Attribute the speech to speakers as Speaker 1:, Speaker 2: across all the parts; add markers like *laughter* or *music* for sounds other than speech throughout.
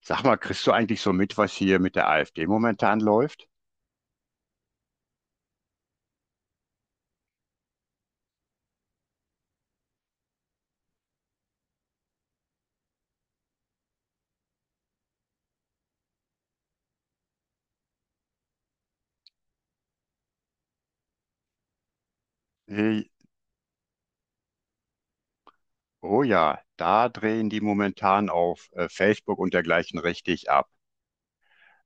Speaker 1: Sag mal, kriegst du eigentlich so mit, was hier mit der AfD momentan läuft? Hey, oh ja, da drehen die momentan auf Facebook und dergleichen richtig ab.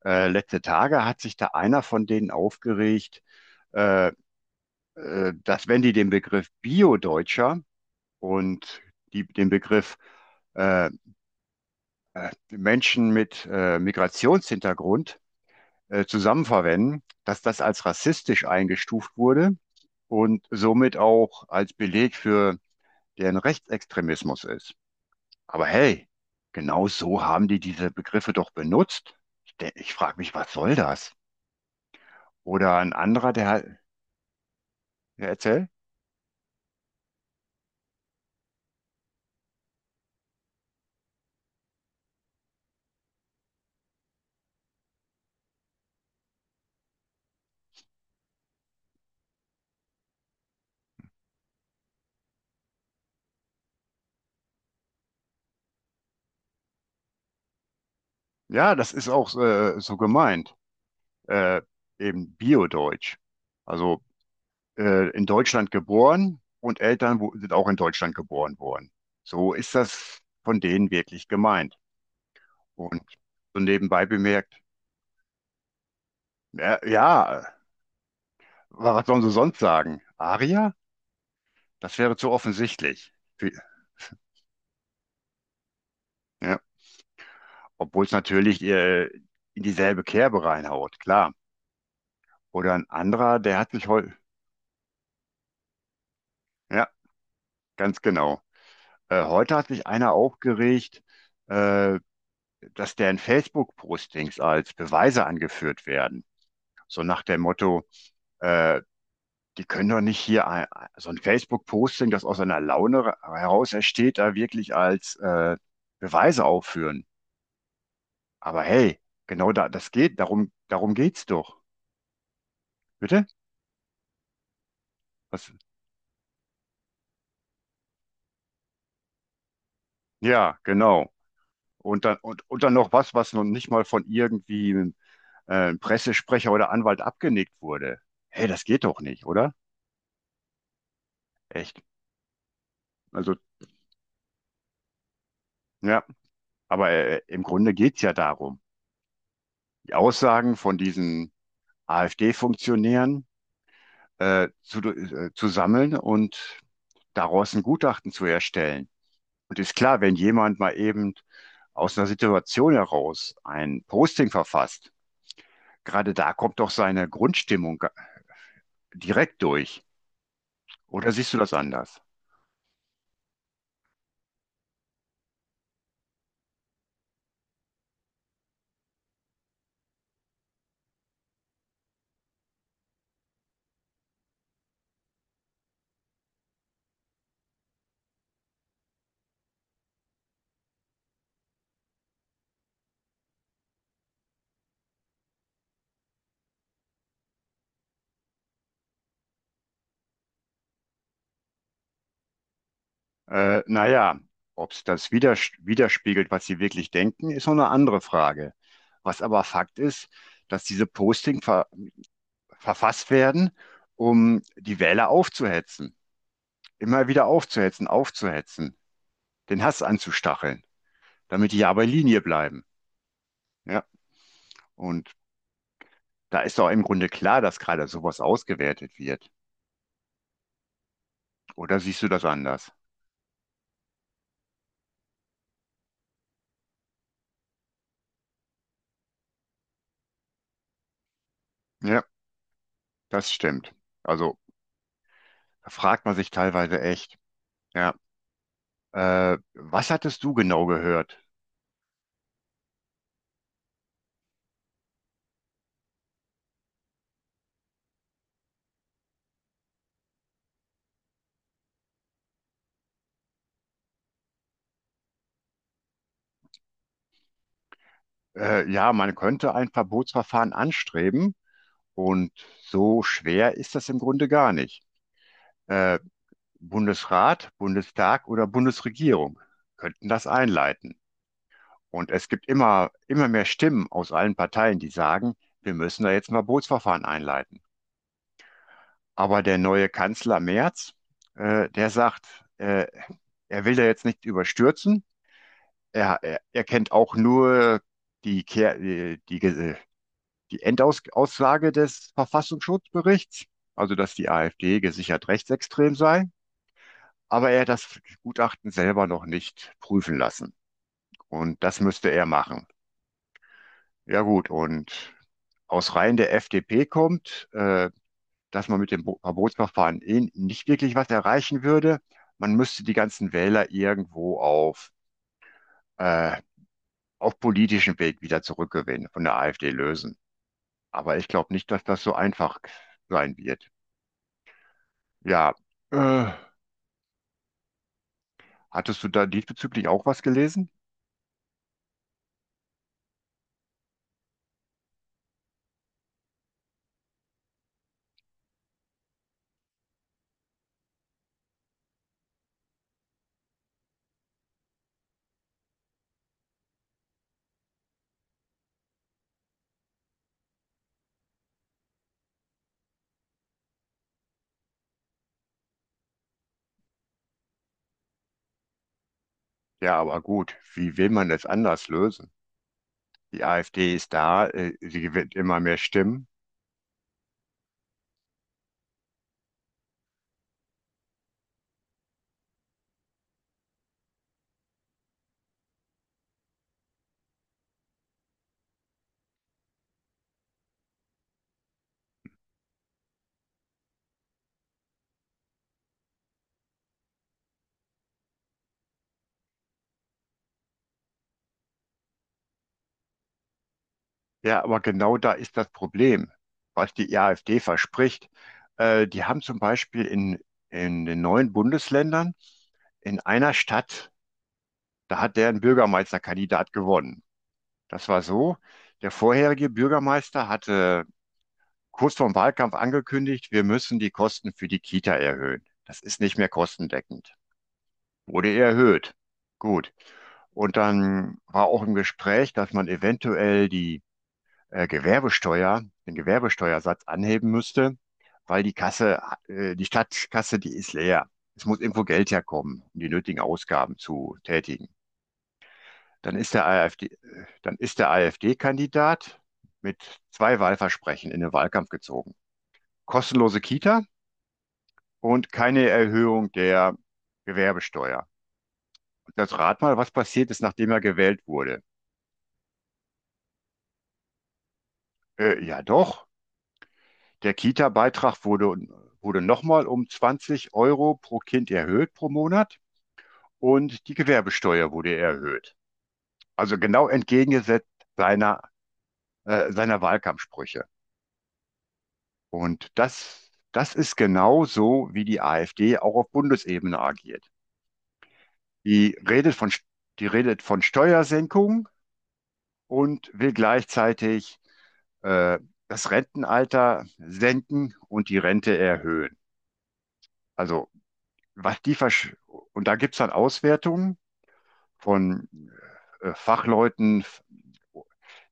Speaker 1: Letzte Tage hat sich da einer von denen aufgeregt, äh, dass wenn die den Begriff Bio-Deutscher und den Begriff äh, Menschen mit Migrationshintergrund zusammen verwenden, dass das als rassistisch eingestuft wurde und somit auch als Beleg für der ein Rechtsextremismus ist. Aber hey, genau so haben die diese Begriffe doch benutzt. Ich frage mich, was soll das? Oder ein anderer, der hat, ja, erzähl. Ja, das ist auch so gemeint. Äh, eben Bio-Deutsch. Also in Deutschland geboren und Eltern wo, sind auch in Deutschland geboren worden. So ist das von denen wirklich gemeint. Und so nebenbei bemerkt, ja, was sollen sie sonst sagen? Aria? Das wäre zu offensichtlich. Für- *laughs* Ja. Obwohl es natürlich in dieselbe Kerbe reinhaut, klar. Oder ein anderer, der hat sich heute, ja, ganz genau. Heute hat sich einer aufgeregt, äh, dass deren Facebook-Postings als Beweise angeführt werden. So nach dem Motto, äh, die können doch nicht hier ein, so ein Facebook-Posting, das aus einer Laune heraus entsteht, da wirklich als Beweise aufführen. Aber hey, genau da, das geht, darum geht's doch. Bitte? Was? Ja, genau. Und dann noch was, was noch nicht mal von irgendwie einem Pressesprecher oder Anwalt abgenickt wurde. Hey, das geht doch nicht, oder? Echt? Also, ja, aber im Grunde geht's ja darum, die Aussagen von diesen AfD-Funktionären zu sammeln und daraus ein Gutachten zu erstellen. Und ist klar, wenn jemand mal eben aus einer Situation heraus ein Posting verfasst, gerade da kommt doch seine Grundstimmung direkt durch. Oder siehst du das anders? Naja, ob es das widerspiegelt, was sie wirklich denken, ist noch eine andere Frage. Was aber Fakt ist, dass diese Posting ver verfasst werden, um die Wähler aufzuhetzen. Immer wieder aufzuhetzen, aufzuhetzen, den Hass anzustacheln, damit die ja bei Linie bleiben. Ja, und da ist doch im Grunde klar, dass gerade sowas ausgewertet wird. Oder siehst du das anders? Ja, das stimmt. Also da fragt man sich teilweise echt, ja, was hattest du genau gehört? Ja, man könnte ein Verbotsverfahren anstreben und so schwer ist das im Grunde gar nicht. Äh, Bundesrat, Bundestag oder Bundesregierung könnten das einleiten. Und es gibt immer mehr Stimmen aus allen Parteien, die sagen, wir müssen da jetzt ein Verbotsverfahren einleiten. Aber der neue Kanzler Merz, der sagt, er will da jetzt nicht überstürzen. Er kennt auch nur die, Kehr, die, die, Ge- die Endaussage des Verfassungsschutzberichts, also dass die AfD gesichert rechtsextrem sei. Aber er hat das Gutachten selber noch nicht prüfen lassen. Und das müsste er machen. Ja gut, und aus Reihen der FDP kommt, dass man mit dem Verbotsverfahren eh nicht wirklich was erreichen würde. Man müsste die ganzen Wähler irgendwo äh, auf politischem Weg wieder zurückgewinnen, von der AfD lösen. Aber ich glaube nicht, dass das so einfach sein wird. Ja, äh, hattest du da diesbezüglich auch was gelesen? Ja, aber gut, wie will man es anders lösen? Die AfD ist da, sie gewinnt immer mehr Stimmen. Ja, aber genau da ist das Problem, was die AfD verspricht. Die haben zum Beispiel in den neuen Bundesländern in einer Stadt, da hat deren Bürgermeisterkandidat gewonnen. Das war so, der vorherige Bürgermeister hatte kurz vor dem Wahlkampf angekündigt, wir müssen die Kosten für die Kita erhöhen. Das ist nicht mehr kostendeckend. Wurde erhöht. Gut. Und dann war auch im Gespräch, dass man eventuell die Gewerbesteuer, den Gewerbesteuersatz anheben müsste, weil die Kasse, die Stadtkasse, die ist leer. Es muss irgendwo Geld herkommen, um die nötigen Ausgaben zu tätigen. Dann ist der AfD-Kandidat mit zwei Wahlversprechen in den Wahlkampf gezogen. Kostenlose Kita und keine Erhöhung der Gewerbesteuer. Und jetzt rat mal, was passiert ist, nachdem er gewählt wurde. Ja doch, der wurde nochmal um 20 Euro pro Kind erhöht pro Monat und die Gewerbesteuer wurde erhöht. Also genau entgegengesetzt seiner, seiner Wahlkampfsprüche. Und das ist genau so, wie die AfD auch auf Bundesebene agiert. Die redet von, Die redet von Steuersenkung und will gleichzeitig äh, das Rentenalter senken und die Rente erhöhen. Also, was die versch und da gibt es dann Auswertungen von Fachleuten,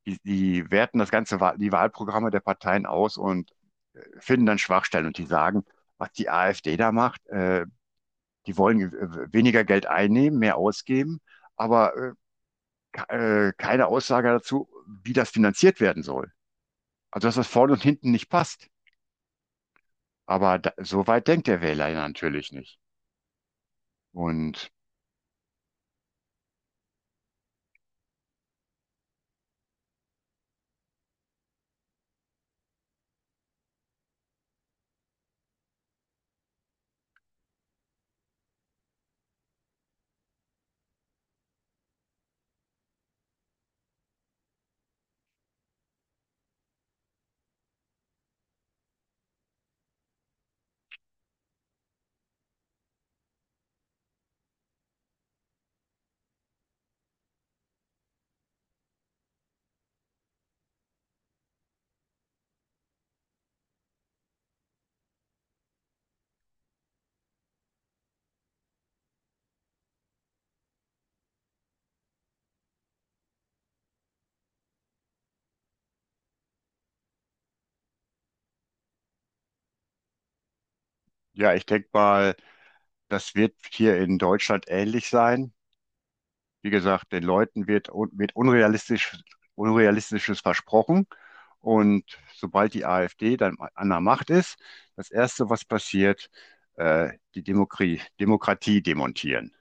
Speaker 1: die werten die Wahlprogramme der Parteien aus und finden dann Schwachstellen und die sagen, was die AfD da macht, die wollen weniger Geld einnehmen, mehr ausgeben, aber ke- keine Aussage dazu, wie das finanziert werden soll. Also, dass das vorne und hinten nicht passt. Aber da, so weit denkt der Wähler ja natürlich nicht. Und ja, ich denke mal, das wird hier in Deutschland ähnlich sein. Wie gesagt, den Leuten wird, wird Unrealistisches versprochen. Und sobald die AfD dann an der Macht ist, das Erste, was passiert, Demokratie demontieren.